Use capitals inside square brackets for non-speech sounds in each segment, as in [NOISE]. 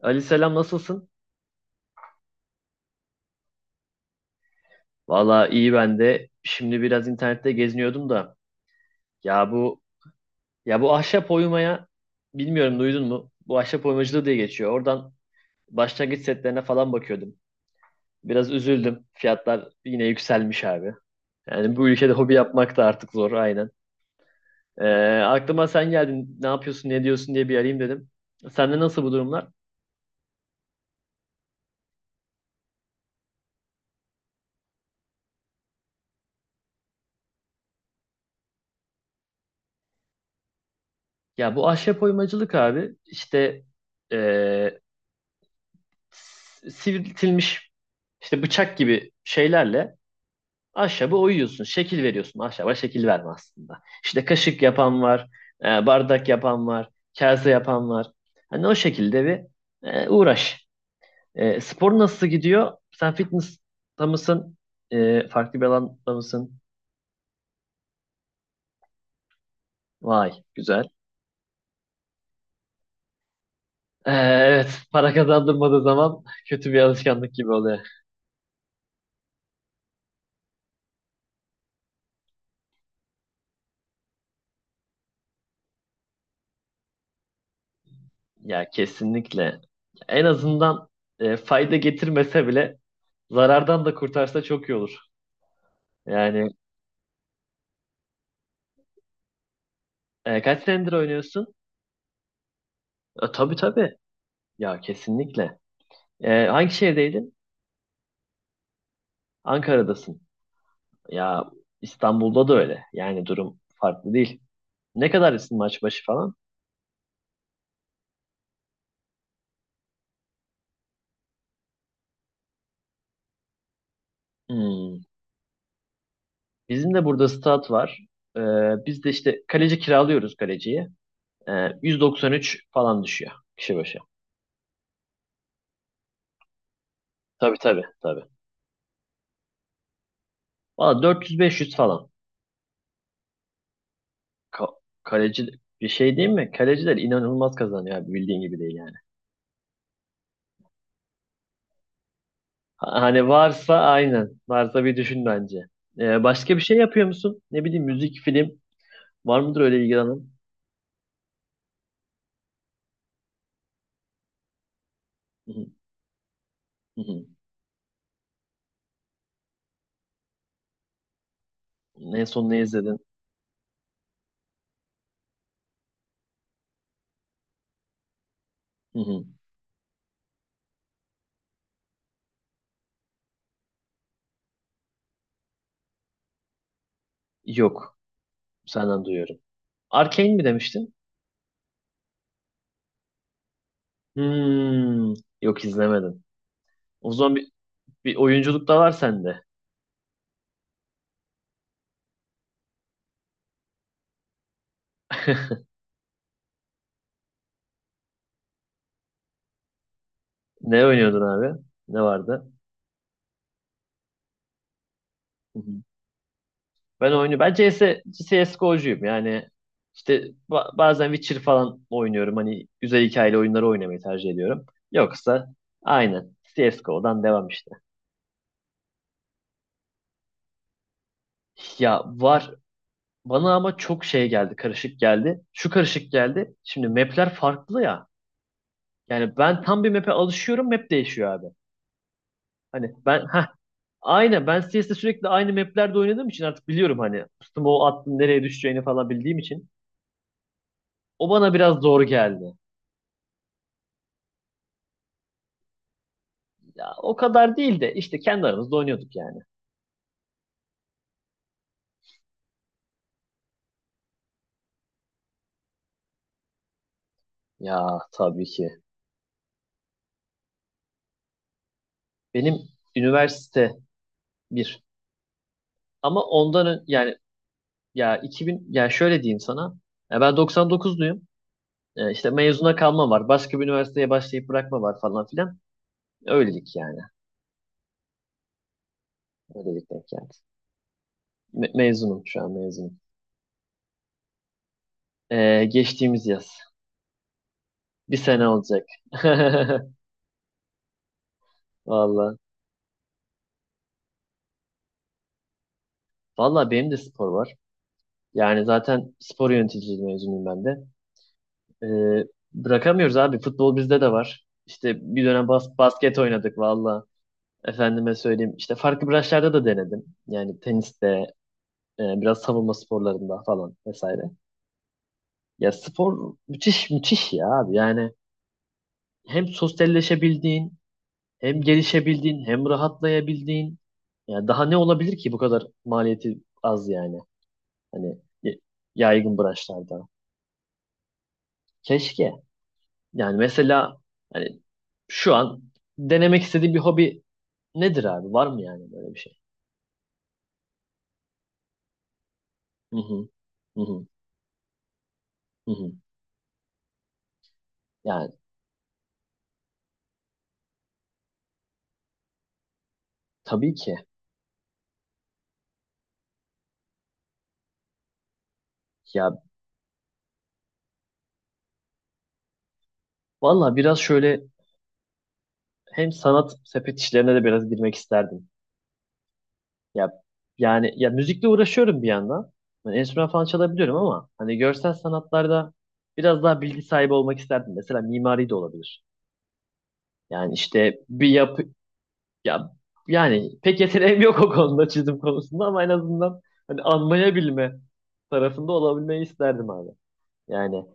Ali selam, nasılsın? Valla iyi ben de. Şimdi biraz internette geziniyordum da, ya bu ya bu ahşap oymaya, bilmiyorum duydun mu? Bu ahşap oymacılığı diye geçiyor. Oradan başlangıç setlerine falan bakıyordum. Biraz üzüldüm. Fiyatlar yine yükselmiş abi. Yani bu ülkede hobi yapmak da artık zor aynen. Ee, aklıma sen geldin, ne yapıyorsun ne diyorsun diye bir arayayım dedim. Sende nasıl bu durumlar? Ya bu ahşap oymacılık abi işte ee, sivriltilmiş işte bıçak gibi şeylerle ahşabı oyuyorsun. Şekil veriyorsun. Ahşaba şekil verme aslında. İşte kaşık yapan var, bardak yapan var, kase yapan var. Hani o şekilde bir uğraş. Spor nasıl gidiyor? Sen fitness'ta mısın? Farklı bir alanda mısın? Vay, güzel. Evet, para kazandırmadığı zaman [LAUGHS] kötü bir alışkanlık gibi oluyor. Ya kesinlikle. En azından fayda getirmese bile zarardan da kurtarsa çok iyi olur. Yani kaç senedir oynuyorsun? Tabii tabii. Ya kesinlikle. Hangi şehirdeydin? Ankara'dasın. Ya İstanbul'da da öyle. Yani durum farklı değil. Ne kadar isim maç başı falan? Hmm. Bizim de burada stat var. E, biz de işte kaleci kiralıyoruz, kaleciyi. E, 193 falan düşüyor, kişi başı. Tabii tabii tabii. Valla 400-500 falan. Ka- kaleci bir şey değil mi? Kaleciler inanılmaz kazanıyor abi, bildiğin gibi değil yani. Hani varsa aynen. Varsa bir düşün bence. Başka bir şey yapıyor musun? Ne bileyim, müzik, film. Var mıdır öyle ilgilenen? Hı hı, hı hı. En son ne izledin? Hı hı. Yok. Senden duyuyorum. Arcane mi demiştin? Hmm, yok izlemedim. O zaman bir oyunculuk da var sende. [LAUGHS] Ne oynuyordun abi? Ne vardı? Ben CS, CSGO'cuyum yani, işte bazen Witcher falan oynuyorum, hani güzel hikayeli oyunları oynamayı tercih ediyorum. Yoksa aynen CSGO'dan devam işte. Ya var, bana ama çok şey geldi, karışık geldi, şu karışık geldi, şimdi mapler farklı ya, yani ben tam bir map'e alışıyorum, map değişiyor abi. Hani ben ha, aynen ben CS'de sürekli aynı maplerde oynadığım için artık biliyorum, hani üstüme o attığın nereye düşeceğini falan bildiğim için o bana biraz zor geldi. Ya o kadar değil de, işte kendi aramızda oynuyorduk yani. Ya tabii ki. Benim üniversite bir. Ama ondan yani, ya 2000, yani şöyle diyeyim sana. Ya ben 99'luyum. İşte mezuna kalma var. Başka bir üniversiteye başlayıp bırakma var, falan filan. Öylelik yani. Öylelik denk geldi. Mezunum, şu an mezunum. Geçtiğimiz yaz. Bir sene olacak. [LAUGHS] Valla. Valla benim de spor var. Yani zaten spor yöneticiliği mezunuyum ben de. Ee, bırakamıyoruz abi. Futbol bizde de var. İşte bir dönem basket oynadık valla. Efendime söyleyeyim, İşte farklı branşlarda da denedim. Yani teniste, biraz savunma sporlarında falan, vesaire. Ya spor müthiş müthiş ya abi. Yani hem sosyalleşebildiğin, hem gelişebildiğin, hem rahatlayabildiğin. Ya daha ne olabilir ki, bu kadar maliyeti az yani. Hani y- yaygın branşlarda. Keşke. Yani mesela, hani şu an denemek istediğim bir hobi nedir abi? Var mı yani böyle bir şey? Hı hı. Hı hı. Hı hı. Yani tabii ki. Ya valla biraz şöyle, hem sanat sepet işlerine de biraz girmek isterdim. Ya yani, ya müzikle uğraşıyorum bir yandan. Yani enstrüman falan çalabiliyorum ama hani görsel sanatlarda biraz daha bilgi sahibi olmak isterdim. Mesela mimari de olabilir. Yani işte bir yapı, ya yani pek yeteneğim yok o konuda, çizim konusunda, ama en azından hani anlayabilme tarafında olabilmeyi isterdim abi. Yani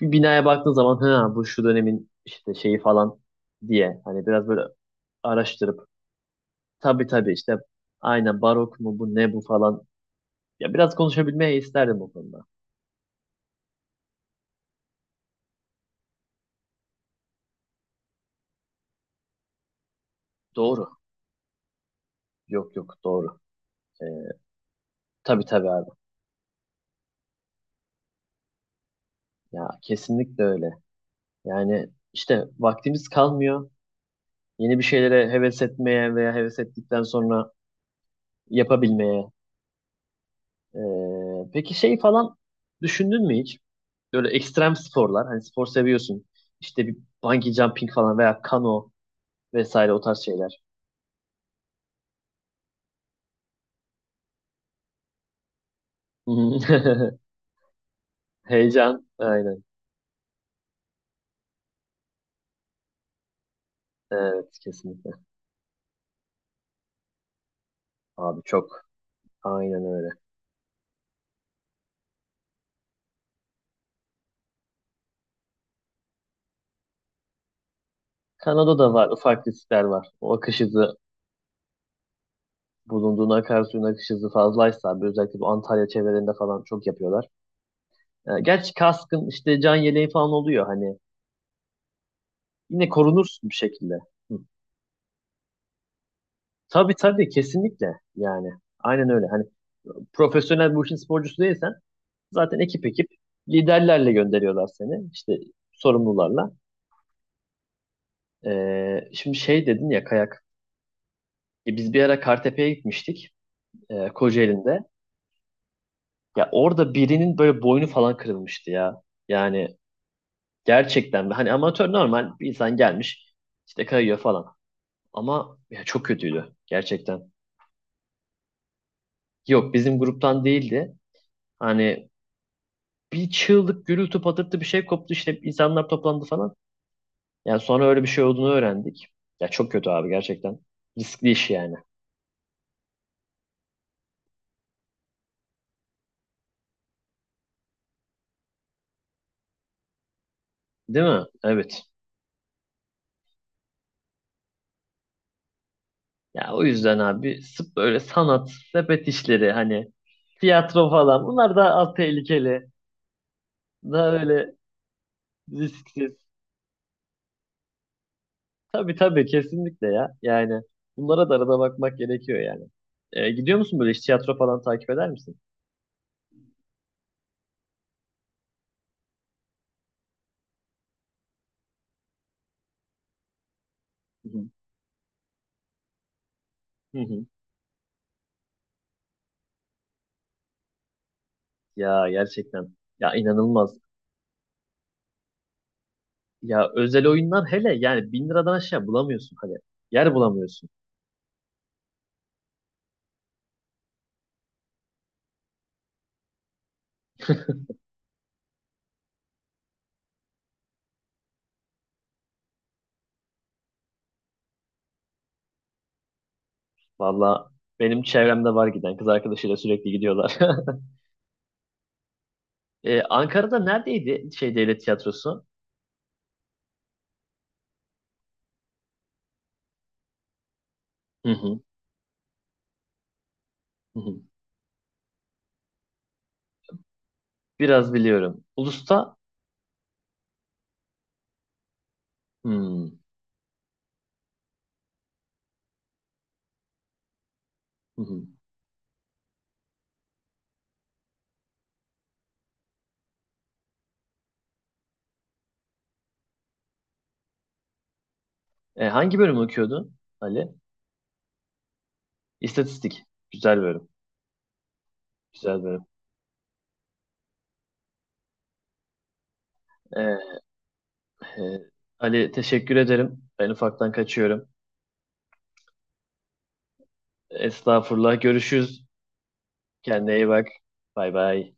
bir binaya baktığın zaman, ha bu şu dönemin işte şeyi falan diye, hani biraz böyle araştırıp, tabii tabii işte aynen, barok mu bu, ne bu falan, ya biraz konuşabilmeyi isterdim o konuda. Doğru. Yok yok, doğru. Ee, tabii tabii abi. Ya kesinlikle öyle. Yani işte vaktimiz kalmıyor. Yeni bir şeylere heves etmeye, veya heves ettikten sonra yapabilmeye. Peki şey falan düşündün mü hiç? Böyle ekstrem sporlar. Hani spor seviyorsun. İşte bir bungee jumping falan, veya kano vesaire, o tarz şeyler. [LAUGHS] Heyecan. Aynen. Evet, kesinlikle. Abi çok. Aynen öyle. Kanada'da var, ufak riskler var. O akış hızı bulunduğun akarsuyun akış hızı fazlaysa abi, özellikle bu Antalya çevrelerinde falan çok yapıyorlar. Gerçi kaskın, işte can yeleği falan oluyor, hani yine korunursun bir şekilde. Hı. Tabii tabii kesinlikle yani. Aynen öyle. Hani profesyonel, bu işin sporcusu değilsen, zaten ekip liderlerle gönderiyorlar seni. İşte sorumlularla. Şimdi şey dedin ya, kayak. Biz bir ara Kartepe'ye gitmiştik. Kocaeli'nde. Ya orada birinin böyle boynu falan kırılmıştı ya. Yani gerçekten, hani amatör normal bir insan gelmiş, işte kayıyor falan. Ama ya çok kötüydü gerçekten. Yok, bizim gruptan değildi. Hani bir çığlık, gürültü patırtı, bir şey koptu, işte insanlar toplandı falan. Yani sonra öyle bir şey olduğunu öğrendik. Ya çok kötü abi, gerçekten. Riskli iş yani. Değil mi? Evet. Ya o yüzden abi, sırf böyle sanat sepet işleri, hani tiyatro falan, bunlar daha az tehlikeli. Daha öyle risksiz. Tabii tabii kesinlikle ya. Yani bunlara da arada bakmak gerekiyor yani. Gidiyor musun böyle, hiç tiyatro falan takip eder misin? Hı hı. Hı hı. Ya gerçekten. Ya inanılmaz. Ya özel oyunlar hele, yani 1.000 liradan aşağı bulamıyorsun hani. Yer bulamıyorsun. Valla benim çevremde var giden, kız arkadaşıyla sürekli gidiyorlar. [LAUGHS] Ankara'da neredeydi şey, devlet tiyatrosu? Hı hı, hı hı. Biraz biliyorum. Ulus'ta, hmm, hı hı. Hangi bölümü okuyordun Ali? İstatistik. Güzel bölüm. Güzel bölüm. Ee, e, Ali, teşekkür ederim. Ben ufaktan kaçıyorum. Estağfurullah. Görüşürüz. Kendine iyi bak. Bay bay.